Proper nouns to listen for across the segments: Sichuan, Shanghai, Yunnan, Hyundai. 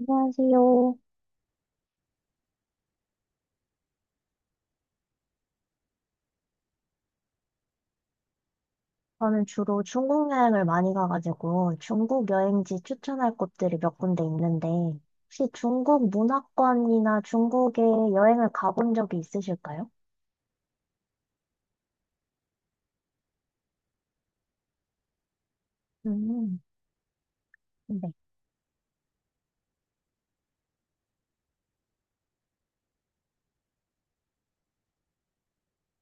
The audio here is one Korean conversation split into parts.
안녕하세요. 저는 주로 중국 여행을 많이 가가지고 중국 여행지 추천할 곳들이 몇 군데 있는데 혹시 중국 문화권이나 중국에 여행을 가본 적이 있으실까요? 음, 네.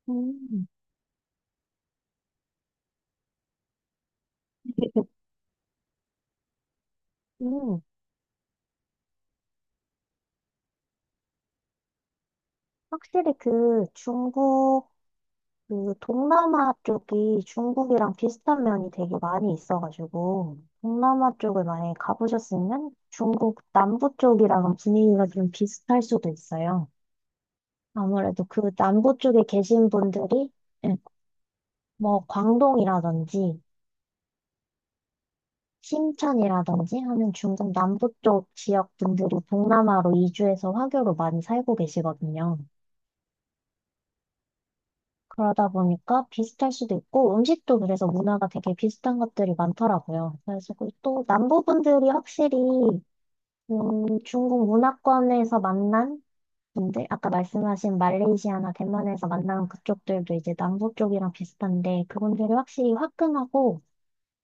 음, 음. 확실히 그 중국, 그 동남아 쪽이 중국이랑 비슷한 면이 되게 많이 있어가지고 동남아 쪽을 만약에 가보셨으면 중국 남부 쪽이랑 분위기가 좀 비슷할 수도 있어요. 아무래도 그 남부 쪽에 계신 분들이 예, 뭐 광동이라든지 심천이라든지 하는 중국 남부 쪽 지역 분들이 동남아로 이주해서 화교로 많이 살고 계시거든요. 그러다 보니까 비슷할 수도 있고 음식도 그래서 문화가 되게 비슷한 것들이 많더라고요. 그래서 그또 남부 분들이 확실히 중국 문화권에서 만난 근데 아까 말씀하신 말레이시아나 대만에서 만난 그쪽들도 이제 남부 쪽이랑 비슷한데 그분들이 확실히 화끈하고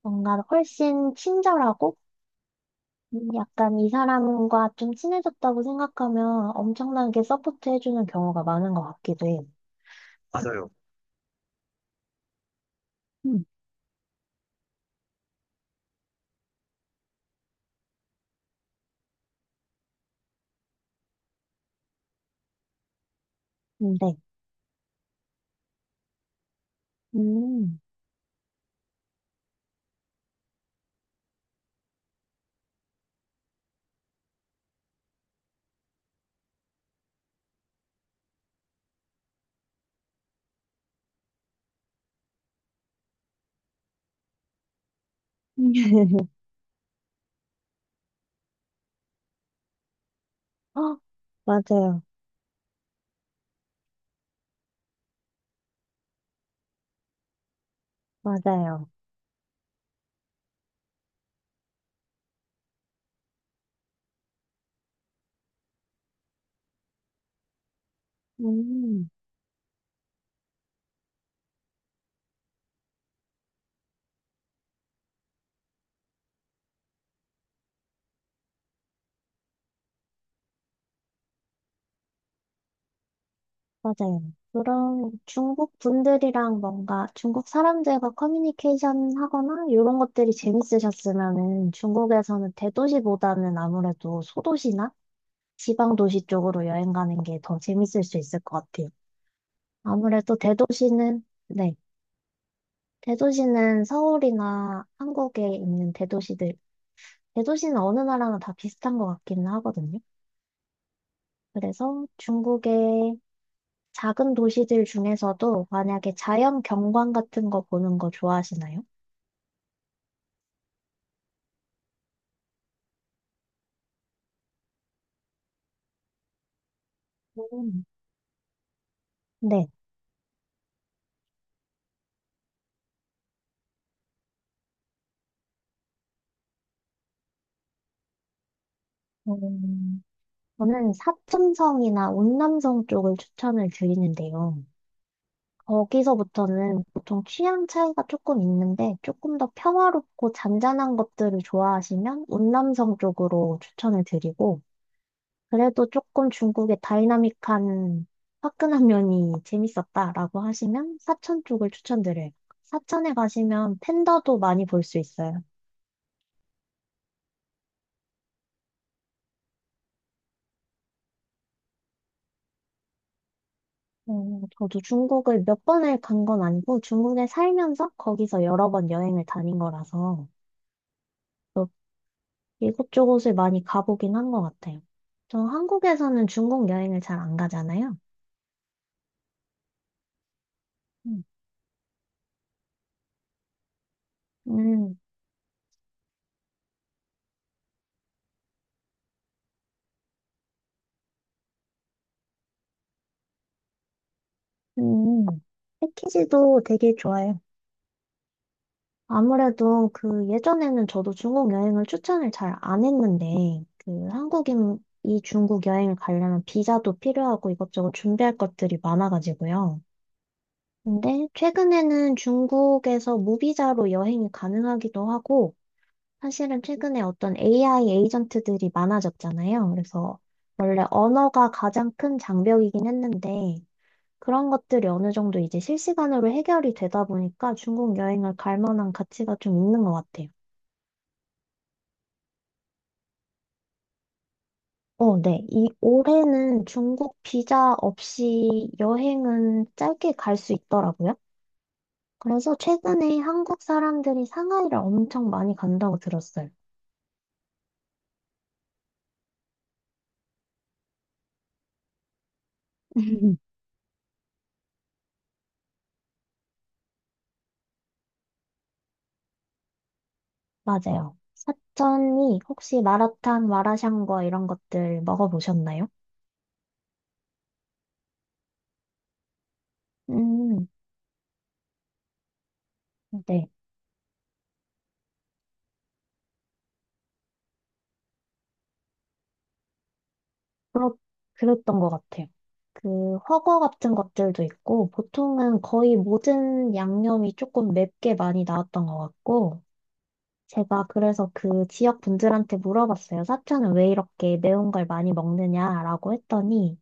뭔가 훨씬 친절하고 약간 이 사람과 좀 친해졌다고 생각하면 엄청나게 서포트 해주는 경우가 많은 것 같기도 해요. 맞아요. 음, 네. 음. 어, 맞아요. 맞아요. 음. 맞아요. 그런 중국 분들이랑 뭔가 중국 사람들과 커뮤니케이션 하거나 이런 것들이 재밌으셨으면은 중국에서는 대도시보다는 아무래도 소도시나 지방 도시 쪽으로 여행 가는 게 더 재밌을 수 있을 것 같아요. 아무래도 대도시는, 네. 대도시는 서울이나 한국에 있는 대도시들, 대도시는 어느 나라나 다 비슷한 것 같기는 하거든요. 그래서 중국에 작은 도시들 중에서도 만약에 자연 경관 같은 거 보는 거 좋아하시나요? 음. 네. 음, 저는 사천성이나 운남성 쪽을 추천을 드리는데요. 거기서부터는 보통 취향 차이가 조금 있는데 조금 더 평화롭고 잔잔한 것들을 좋아하시면 운남성 쪽으로 추천을 드리고 그래도 조금 중국의 다이나믹한 화끈한 면이 재밌었다라고 하시면 사천 쪽을 추천드려요. 사천에 가시면 팬더도 많이 볼 수 있어요. 저도 중국을 몇 번을 간 건 아니고 중국에 살면서 거기서 여러 번 여행을 다닌 거라서 또 이곳저곳을 많이 가보긴 한 것 같아요. 저 한국에서는 중국 여행을 잘 안 가잖아요. 음. 음, 음, 패키지도 되게 좋아요. 아무래도 그 예전에는 저도 중국 여행을 추천을 잘 안 했는데, 그 한국인이 중국 여행을 가려면 비자도 필요하고 이것저것 준비할 것들이 많아가지고요. 근데 최근에는 중국에서 무비자로 여행이 가능하기도 하고, 사실은 최근에 어떤 AI 에이전트들이 많아졌잖아요. 그래서 원래 언어가 가장 큰 장벽이긴 했는데, 그런 것들이 어느 정도 이제 실시간으로 해결이 되다 보니까 중국 여행을 갈 만한 가치가 좀 있는 것 같아요. 어, 네. 이 올해는 중국 비자 없이 여행은 짧게 갈 수 있더라고요. 그래서 최근에 한국 사람들이 상하이를 엄청 많이 간다고 들었어요. 맞아요. 사천이 혹시 마라탕, 마라샹궈 이런 것들 먹어보셨나요? 음, 네. 그렇, 그랬던 것 같아요. 그 훠궈 같은 것들도 있고 보통은 거의 모든 양념이 조금 맵게 많이 나왔던 것 같고 제가 그래서 그 지역 분들한테 물어봤어요. 사천은 왜 이렇게 매운 걸 많이 먹느냐라고 했더니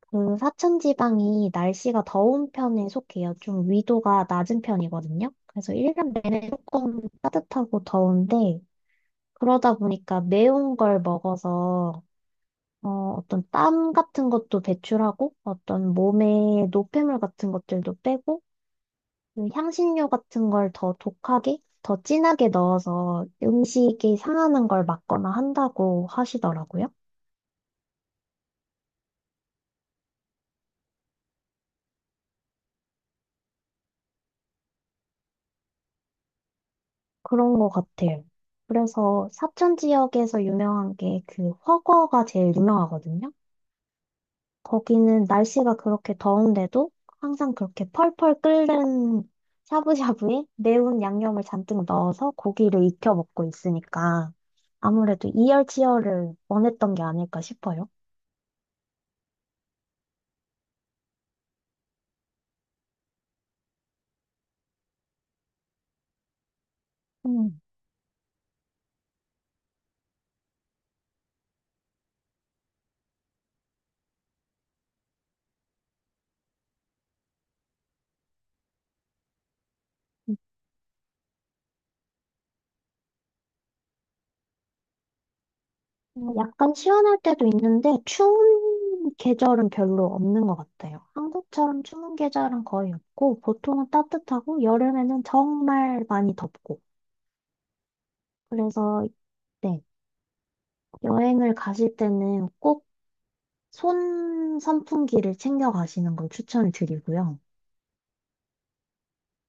그 사천 지방이 날씨가 더운 편에 속해요. 좀 위도가 낮은 편이거든요. 그래서 1년 내내 조금 따뜻하고 더운데 그러다 보니까 매운 걸 먹어서 어, 어떤 땀 같은 것도 배출하고 어떤 몸에 노폐물 같은 것들도 빼고 그 향신료 같은 걸 더 독하게, 더 진하게 넣어서 음식이 상하는 걸 막거나 한다고 하시더라고요. 그런 것 같아요. 그래서 사천 지역에서 유명한 게 그 허거가 제일 유명하거든요. 거기는 날씨가 그렇게 더운데도 항상 그렇게 펄펄 끓는 샤브샤브에 매운 양념을 잔뜩 넣어서 고기를 익혀 먹고 있으니까 아무래도 이열치열을 원했던 게 아닐까 싶어요. 음. 어, 약간 시원할 때도 있는데 추운 계절은 별로 없는 것 같아요. 한국처럼 추운 계절은 거의 없고 보통은 따뜻하고 여름에는 정말 많이 덥고 그래서 네, 여행을 가실 때는 꼭 손 선풍기를 챙겨 가시는 걸 추천을 드리고요.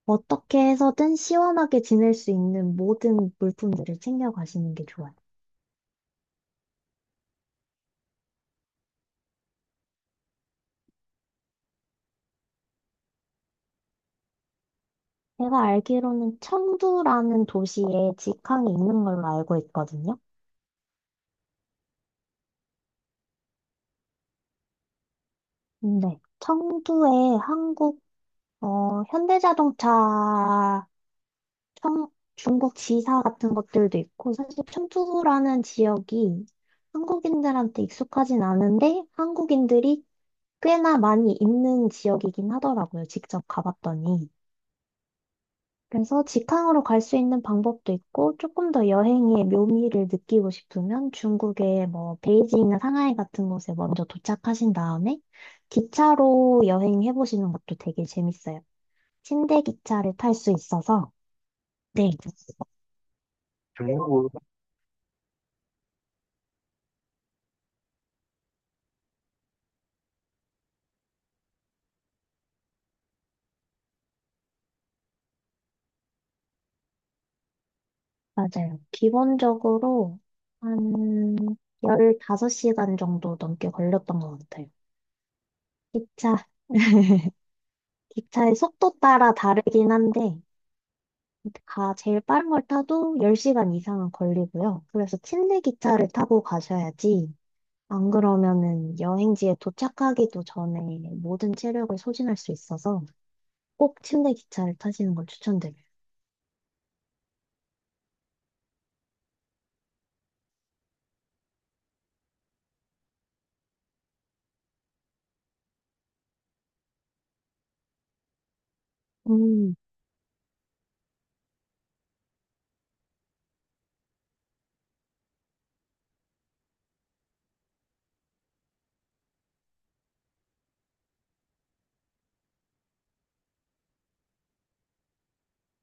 어떻게 해서든 시원하게 지낼 수 있는 모든 물품들을 챙겨 가시는 게 좋아요. 제가 알기로는 청두라는 도시에 직항이 있는 걸로 알고 있거든요. 네. 청두에 한국, 어, 현대자동차, 청, 중국 지사 같은 것들도 있고, 사실 청두라는 지역이 한국인들한테 익숙하진 않은데, 한국인들이 꽤나 많이 있는 지역이긴 하더라고요. 직접 가봤더니. 그래서 직항으로 갈 수 있는 방법도 있고, 조금 더 여행의 묘미를 느끼고 싶으면 중국의 뭐 베이징이나 상하이 같은 곳에 먼저 도착하신 다음에 기차로 여행해 보시는 것도 되게 재밌어요. 침대 기차를 탈 수 있어서. 네, 중국 맞아요. 기본적으로 한 15시간 정도 넘게 걸렸던 것 같아요. 기차, 기차의 속도 따라 다르긴 한데, 가 제일 빠른 걸 타도 10시간 이상은 걸리고요. 그래서 침대 기차를 타고 가셔야지. 안 그러면은 여행지에 도착하기도 전에 모든 체력을 소진할 수 있어서 꼭 침대 기차를 타시는 걸 추천드려요. 음,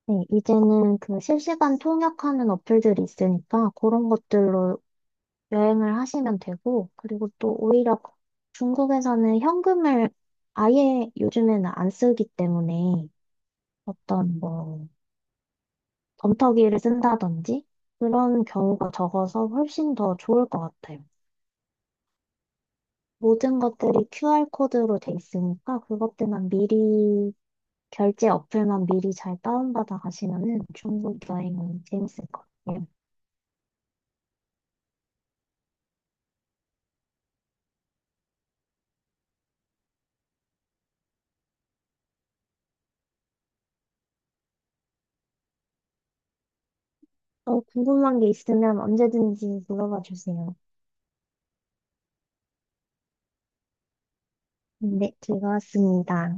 네, 이제는 그 실시간 통역하는 어플들이 있으니까 그런 것들로 여행을 하시면 되고, 그리고 또 오히려 중국에서는 현금을 아예 요즘에는 안 쓰기 때문에 어떤 뭐 덤터기를 쓴다든지 그런 경우가 적어서 훨씬 더 좋을 것 같아요. 모든 것들이 QR코드로 돼 있으니까 그것들만 미리 결제 어플만 미리 잘 다운받아 가시면은 중국 여행은 재밌을 것 같아요. 또 궁금한 게 있으면 언제든지 물어봐 주세요. 네, 즐거웠습니다.